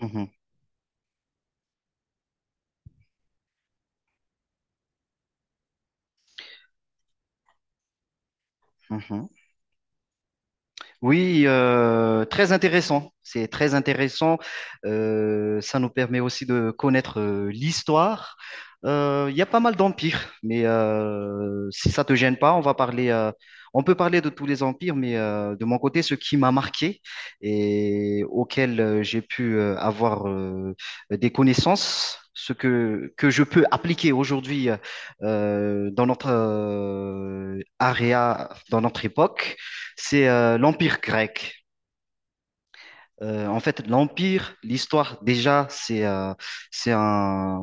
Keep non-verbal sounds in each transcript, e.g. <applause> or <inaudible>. Mhm, mhm. Oui, très intéressant. C'est très intéressant. Ça nous permet aussi de connaître l'histoire. Il y a pas mal d'empires, mais si ça te gêne pas, on va parler, on peut parler de tous les empires, mais de mon côté, ce qui m'a marqué et auquel j'ai pu avoir des connaissances. Ce que je peux appliquer aujourd'hui dans notre area, dans notre époque, c'est l'Empire grec. En fait, l'histoire, déjà, c'est un,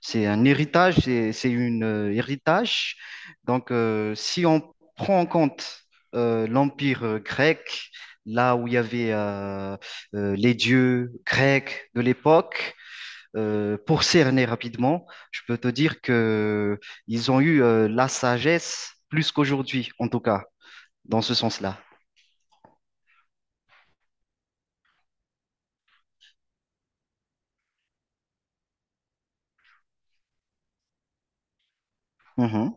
c'est un héritage, c'est une héritage. Donc, si on prend en compte l'Empire grec, là où il y avait les dieux grecs de l'époque, pour cerner rapidement, je peux te dire que ils ont eu la sagesse plus qu'aujourd'hui, en tout cas, dans ce sens-là. Mhm,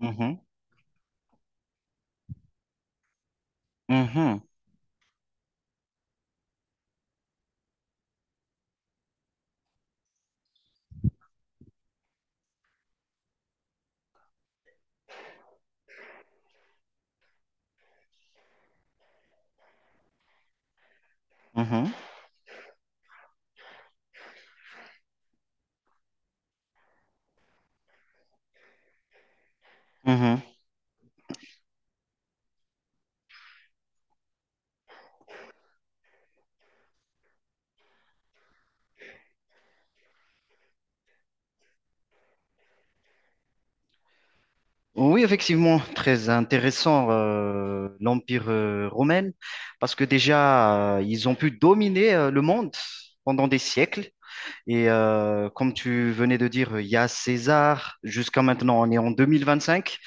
mhm. Mhm, mhm, mhm. Oui, effectivement, très intéressant l'Empire romain, parce que déjà, ils ont pu dominer le monde pendant des siècles. Et comme tu venais de dire, il y a César, jusqu'à maintenant, on est en 2025.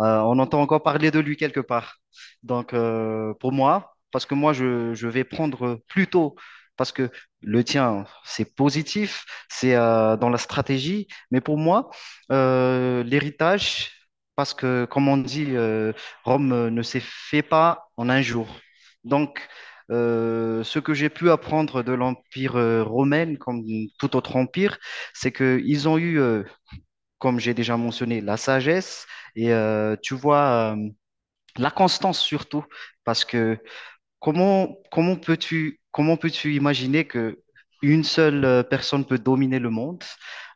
On entend encore parler de lui quelque part. Donc, pour moi, parce que moi, je vais prendre plutôt, parce que le tien, c'est positif, c'est dans la stratégie, mais pour moi, l'héritage, parce que, comme on dit, Rome ne s'est fait pas en un jour. Donc, ce que j'ai pu apprendre de l'Empire romain, comme tout autre empire, c'est qu'ils ont eu comme j'ai déjà mentionné, la sagesse et tu vois, la constance surtout. Parce que comment peux-tu imaginer que une seule personne peut dominer le monde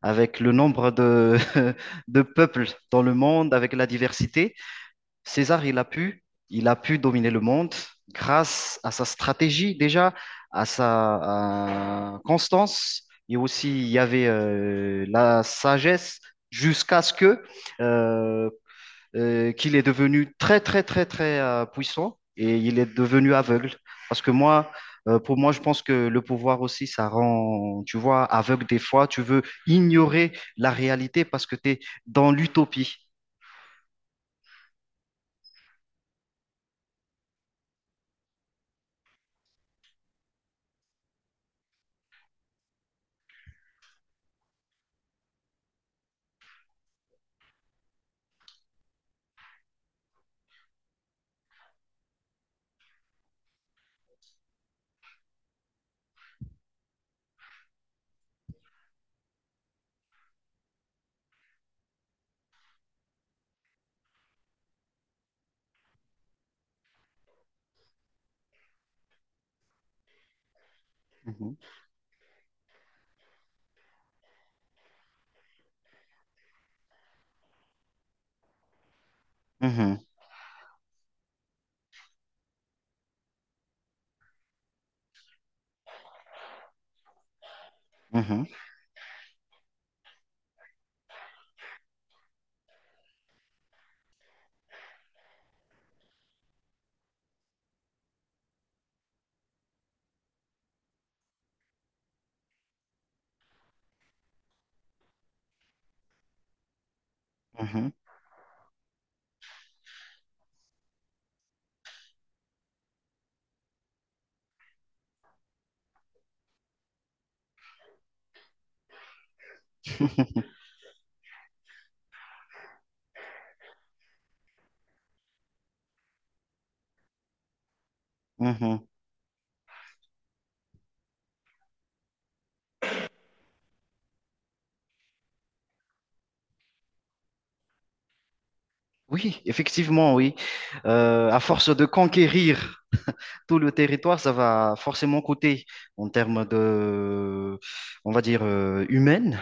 avec le nombre de, <laughs> de peuples dans le monde, avec la diversité? César, il a pu dominer le monde grâce à sa stratégie déjà, à sa à constance. Et aussi, il y avait la sagesse jusqu'à ce que euh, qu'il est devenu très, très, très, très puissant et il est devenu aveugle. Parce que moi, pour moi, je pense que le pouvoir aussi, ça rend, tu vois, aveugle des fois. Tu veux ignorer la réalité parce que tu es dans l'utopie. Mhm. Mhm, mhm, mhm. Mhm. Oui, effectivement, oui. À force de conquérir tout le territoire, ça va forcément coûter en termes de, on va dire, humaine.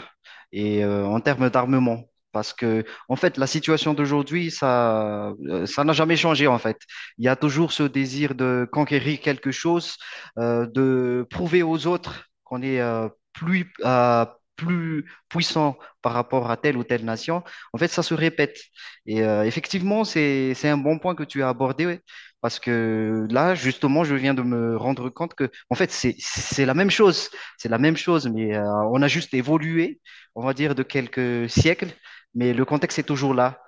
Et en termes d'armement. Parce que, en fait, la situation d'aujourd'hui, ça, ça n'a jamais changé, en fait. Il y a toujours ce désir de conquérir quelque chose, de prouver aux autres qu'on est plus, plus puissant par rapport à telle ou telle nation. En fait, ça se répète. Et effectivement, c'est un bon point que tu as abordé, ouais. Parce que là, justement, je viens de me rendre compte que, en fait, c'est la même chose. C'est la même chose, mais on a juste évolué on va dire, de quelques siècles, mais le contexte est toujours là.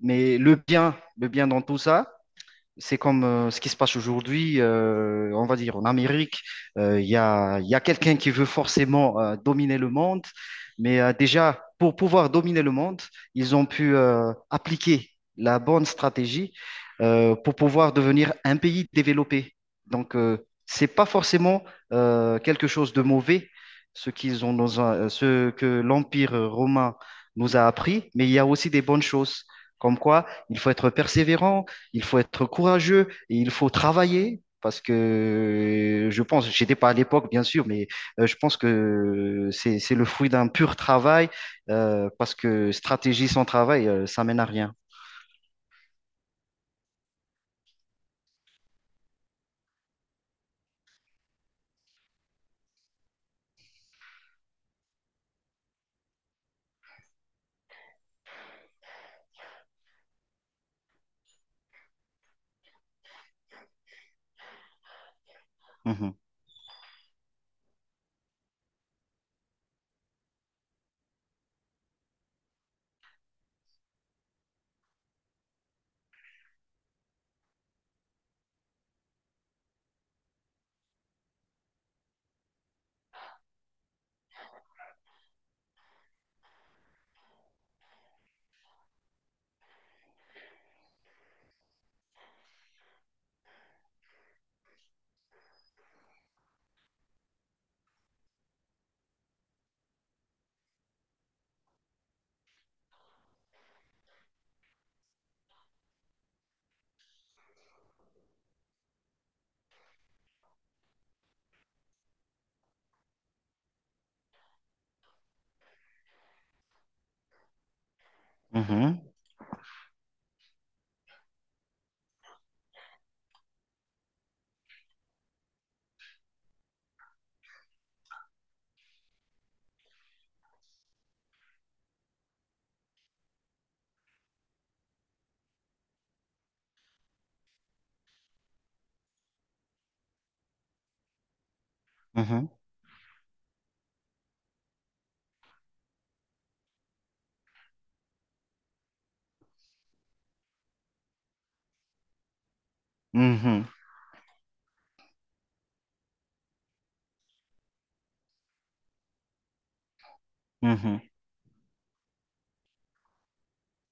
Mais le bien dans tout ça, c'est comme ce qui se passe aujourd'hui, on va dire en Amérique, il y a quelqu'un qui veut forcément dominer le monde, mais déjà, pour pouvoir dominer le monde, ils ont pu appliquer la bonne stratégie pour pouvoir devenir un pays développé. Donc, c'est pas forcément quelque chose de mauvais, ce qu'ils ont dans a- ce que l'Empire romain nous a appris, mais il y a aussi des bonnes choses, comme quoi il faut être persévérant, il faut être courageux et il faut travailler parce que je pense, j'étais pas à l'époque bien sûr, mais je pense que c'est le fruit d'un pur travail parce que stratégie sans travail, ça mène à rien. Mhm, mhm, mhm, mhm, mhm,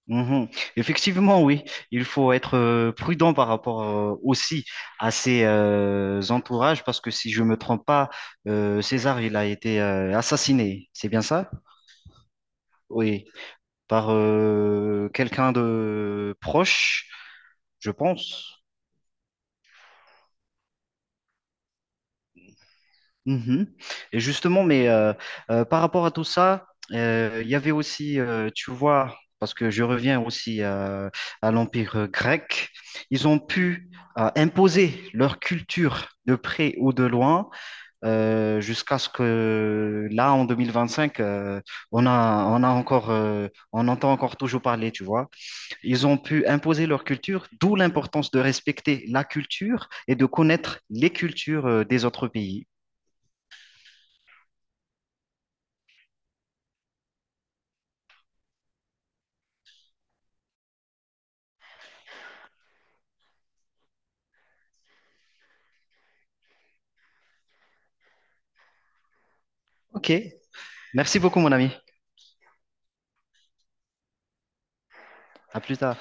mhm. Effectivement, oui, il faut être prudent par rapport aussi à ses entourages parce que si je me trompe pas, César, il a été assassiné, c'est bien ça? Oui. Par quelqu'un de proche, je pense. Mhm. Et justement, mais par rapport à tout ça, il y avait aussi, tu vois, parce que je reviens aussi à l'Empire grec, ils ont pu imposer leur culture de près ou de loin, jusqu'à ce que là, en 2025, on a encore, on entend encore toujours parler, tu vois. Ils ont pu imposer leur culture, d'où l'importance de respecter la culture et de connaître les cultures des autres pays. Ok, merci beaucoup mon ami. À plus tard.